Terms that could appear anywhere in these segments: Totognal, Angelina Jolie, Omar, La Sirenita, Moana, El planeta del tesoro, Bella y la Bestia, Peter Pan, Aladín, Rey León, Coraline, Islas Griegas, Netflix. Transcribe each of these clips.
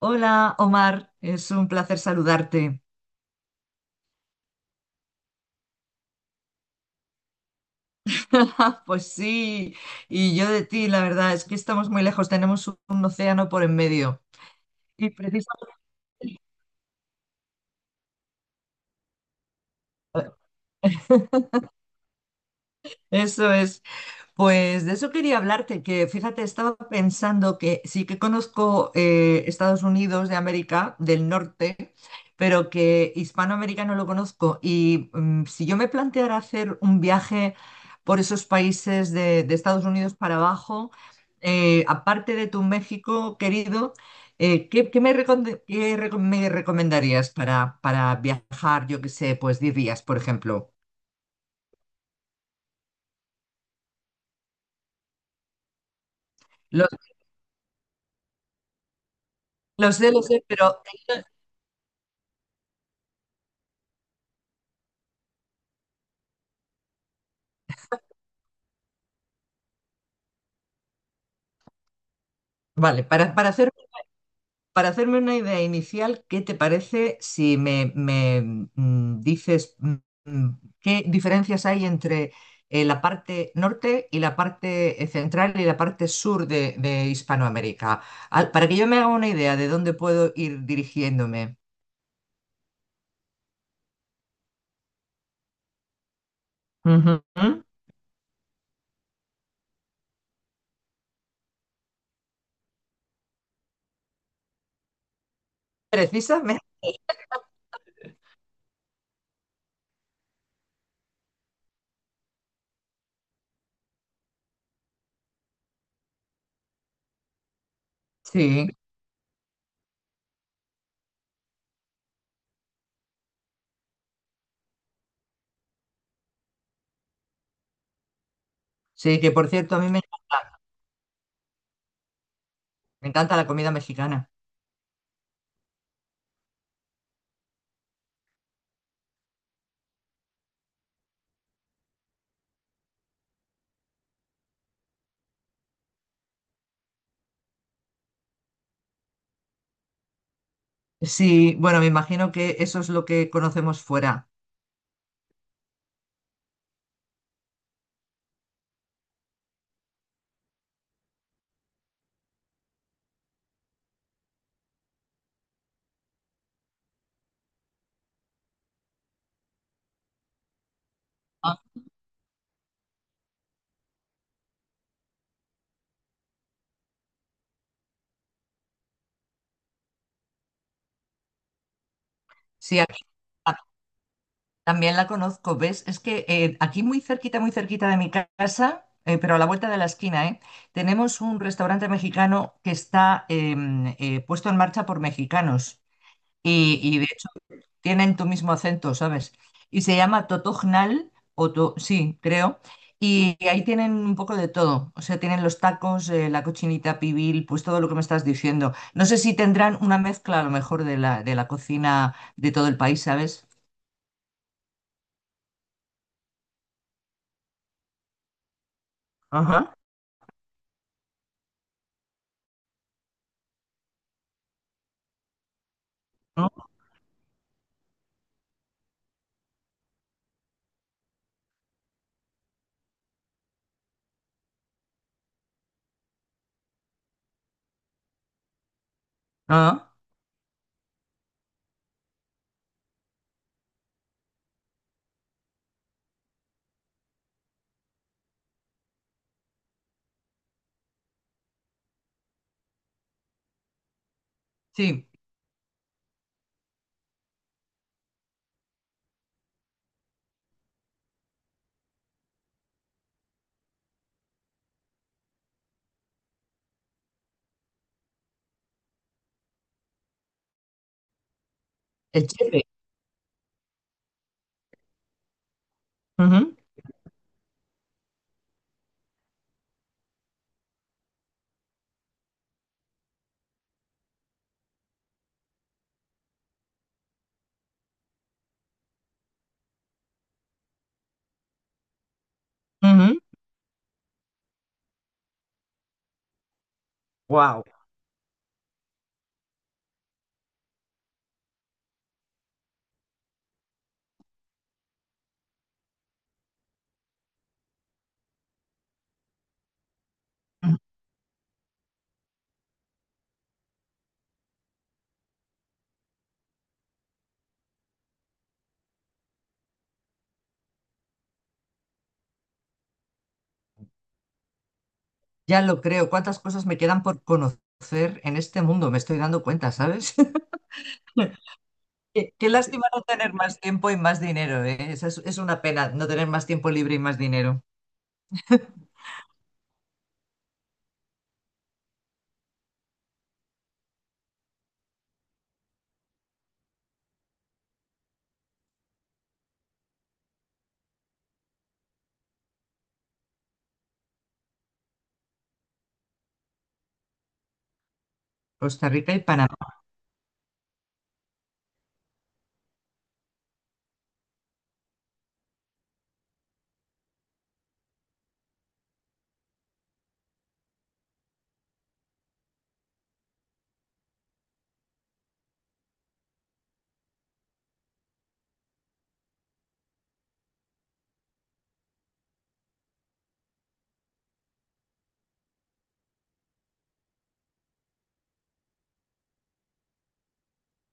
Hola, Omar, es un placer saludarte. Pues sí, y yo de ti, la verdad, es que estamos muy lejos, tenemos un océano por en medio. Y precisamente eso es. Pues de eso quería hablarte, que fíjate, estaba pensando que sí que conozco Estados Unidos de América, del norte, pero que Hispanoamérica no lo conozco. Si yo me planteara hacer un viaje por esos países de Estados Unidos para abajo, aparte de tu México querido, ¿qué, qué me, recomend- qué reco- me recomendarías para viajar, yo qué sé, pues 10 días, por ejemplo? Lo, lo sé, pero vale, para hacer. Para hacerme una idea inicial, ¿qué te parece si me dices mm, qué diferencias hay entre la parte norte y la parte central y la parte sur de Hispanoamérica? Para que yo me haga una idea de dónde puedo ir dirigiéndome. Ujú. Precisamente. Sí, sí, que por cierto, me encanta la comida mexicana. Sí, bueno, me imagino que eso es lo que conocemos fuera. Ah. Sí, aquí. Ah, también la conozco, ¿ves? Es que aquí muy cerquita de mi casa, pero a la vuelta de la esquina, ¿eh? Tenemos un restaurante mexicano que está puesto en marcha por mexicanos y, de hecho tienen tu mismo acento, ¿sabes? Y se llama Totognal, o sí, creo, y ahí tienen un poco de todo, o sea, tienen los tacos, la cochinita pibil, pues todo lo que me estás diciendo. No sé si tendrán una mezcla a lo mejor de de la cocina de todo el país, ¿sabes? Ajá. ¿No? Ah. Sí, el chepe. Wow. Ya lo creo. ¿Cuántas cosas me quedan por conocer en este mundo? Me estoy dando cuenta, ¿sabes? Qué, qué lástima no tener más tiempo y más dinero, ¿eh? Esa es una pena no tener más tiempo libre y más dinero. Costa Rica y Panamá.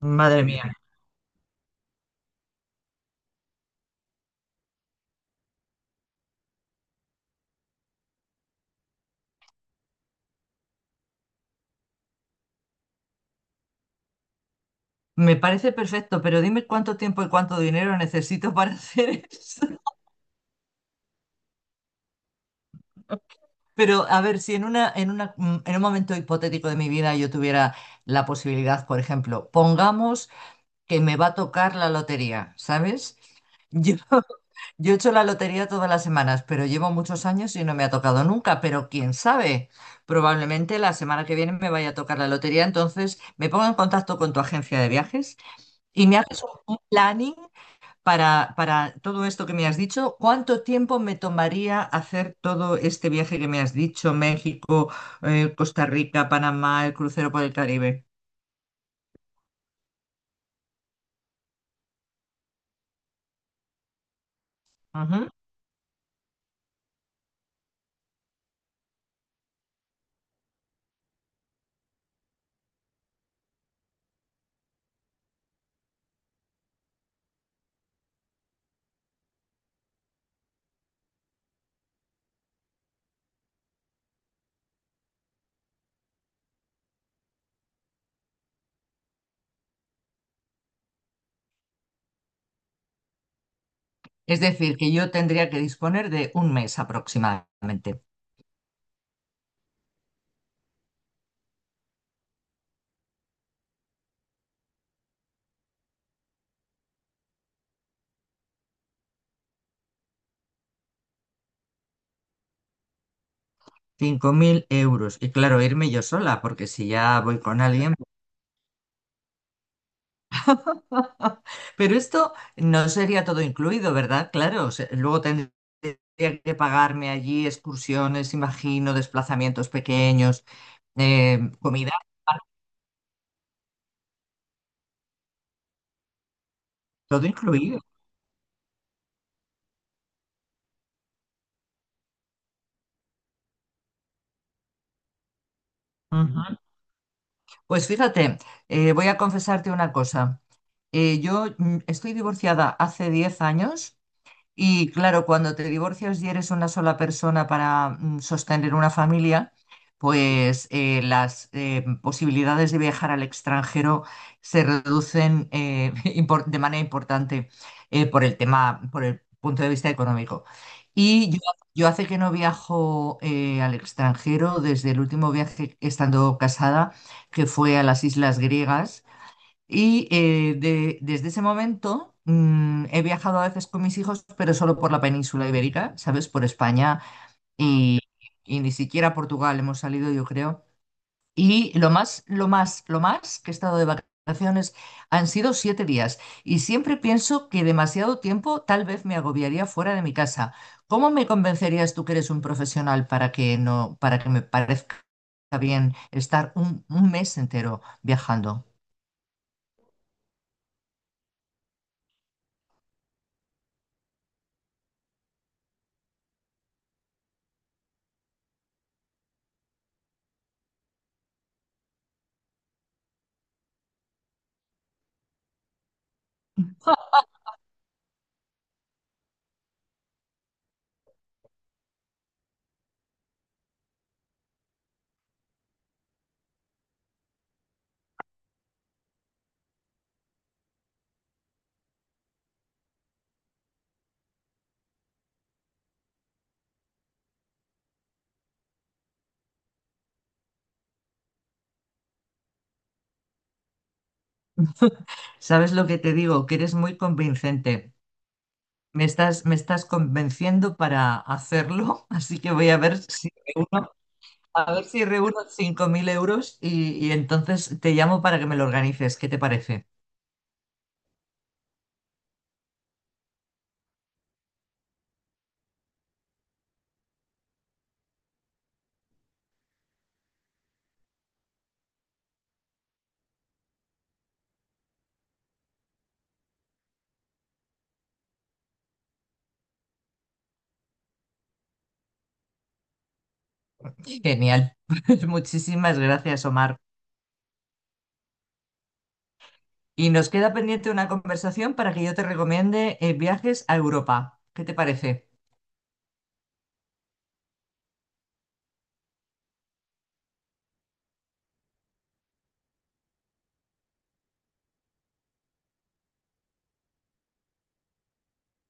Madre mía. Me parece perfecto, pero dime cuánto tiempo y cuánto dinero necesito para hacer eso. Pero a ver, si en en un momento hipotético de mi vida yo tuviera la posibilidad, por ejemplo, pongamos que me va a tocar la lotería, ¿sabes? Yo, yo he hecho la lotería todas las semanas, pero llevo muchos años y no me ha tocado nunca, pero quién sabe, probablemente la semana que viene me vaya a tocar la lotería, entonces me pongo en contacto con tu agencia de viajes y me haces un planning para todo esto que me has dicho. ¿Cuánto tiempo me tomaría hacer todo este viaje que me has dicho? México, Costa Rica, Panamá, el crucero por el Caribe. Es decir, que yo tendría que disponer de un mes aproximadamente. Cinco mil euros. Y claro, irme yo sola, porque si ya voy con alguien. Pero esto no sería todo incluido, ¿verdad? Claro, o sea, luego tendría que pagarme allí excursiones, imagino, desplazamientos pequeños, comida, todo incluido. Ujú. Pues fíjate, voy a confesarte una cosa. Yo estoy divorciada hace 10 años. Y claro, cuando te divorcias y eres una sola persona para sostener una familia, pues las posibilidades de viajar al extranjero se reducen de manera importante por el tema, por el punto de vista económico. Y yo, yo hace que no viajo al extranjero desde el último viaje estando casada, que fue a las Islas Griegas y desde ese momento he viajado a veces con mis hijos, pero solo por la península ibérica, ¿sabes? Por España y, y ni siquiera a Portugal hemos salido, yo creo. Y lo más, lo más, lo más que he estado de vacaciones han sido 7 días. Y siempre pienso que demasiado tiempo tal vez me agobiaría fuera de mi casa. ¿Cómo me convencerías tú que eres un profesional para que no, para que me parezca bien estar un mes entero viajando? ¿Sabes lo que te digo? Que eres muy convincente. Me estás convenciendo para hacerlo, así que voy a ver si reúno, a ver si reúno 5.000 euros y entonces te llamo para que me lo organices. ¿Qué te parece? Genial. Pues muchísimas gracias, Omar. Y nos queda pendiente una conversación para que yo te recomiende viajes a Europa. ¿Qué te parece?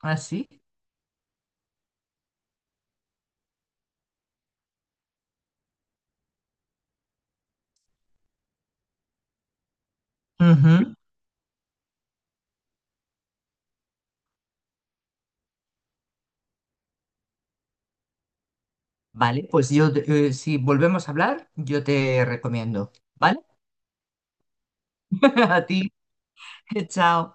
¿Así? Ujú. Vale, pues yo, si volvemos a hablar, yo te recomiendo. ¿Vale? A ti. Chao.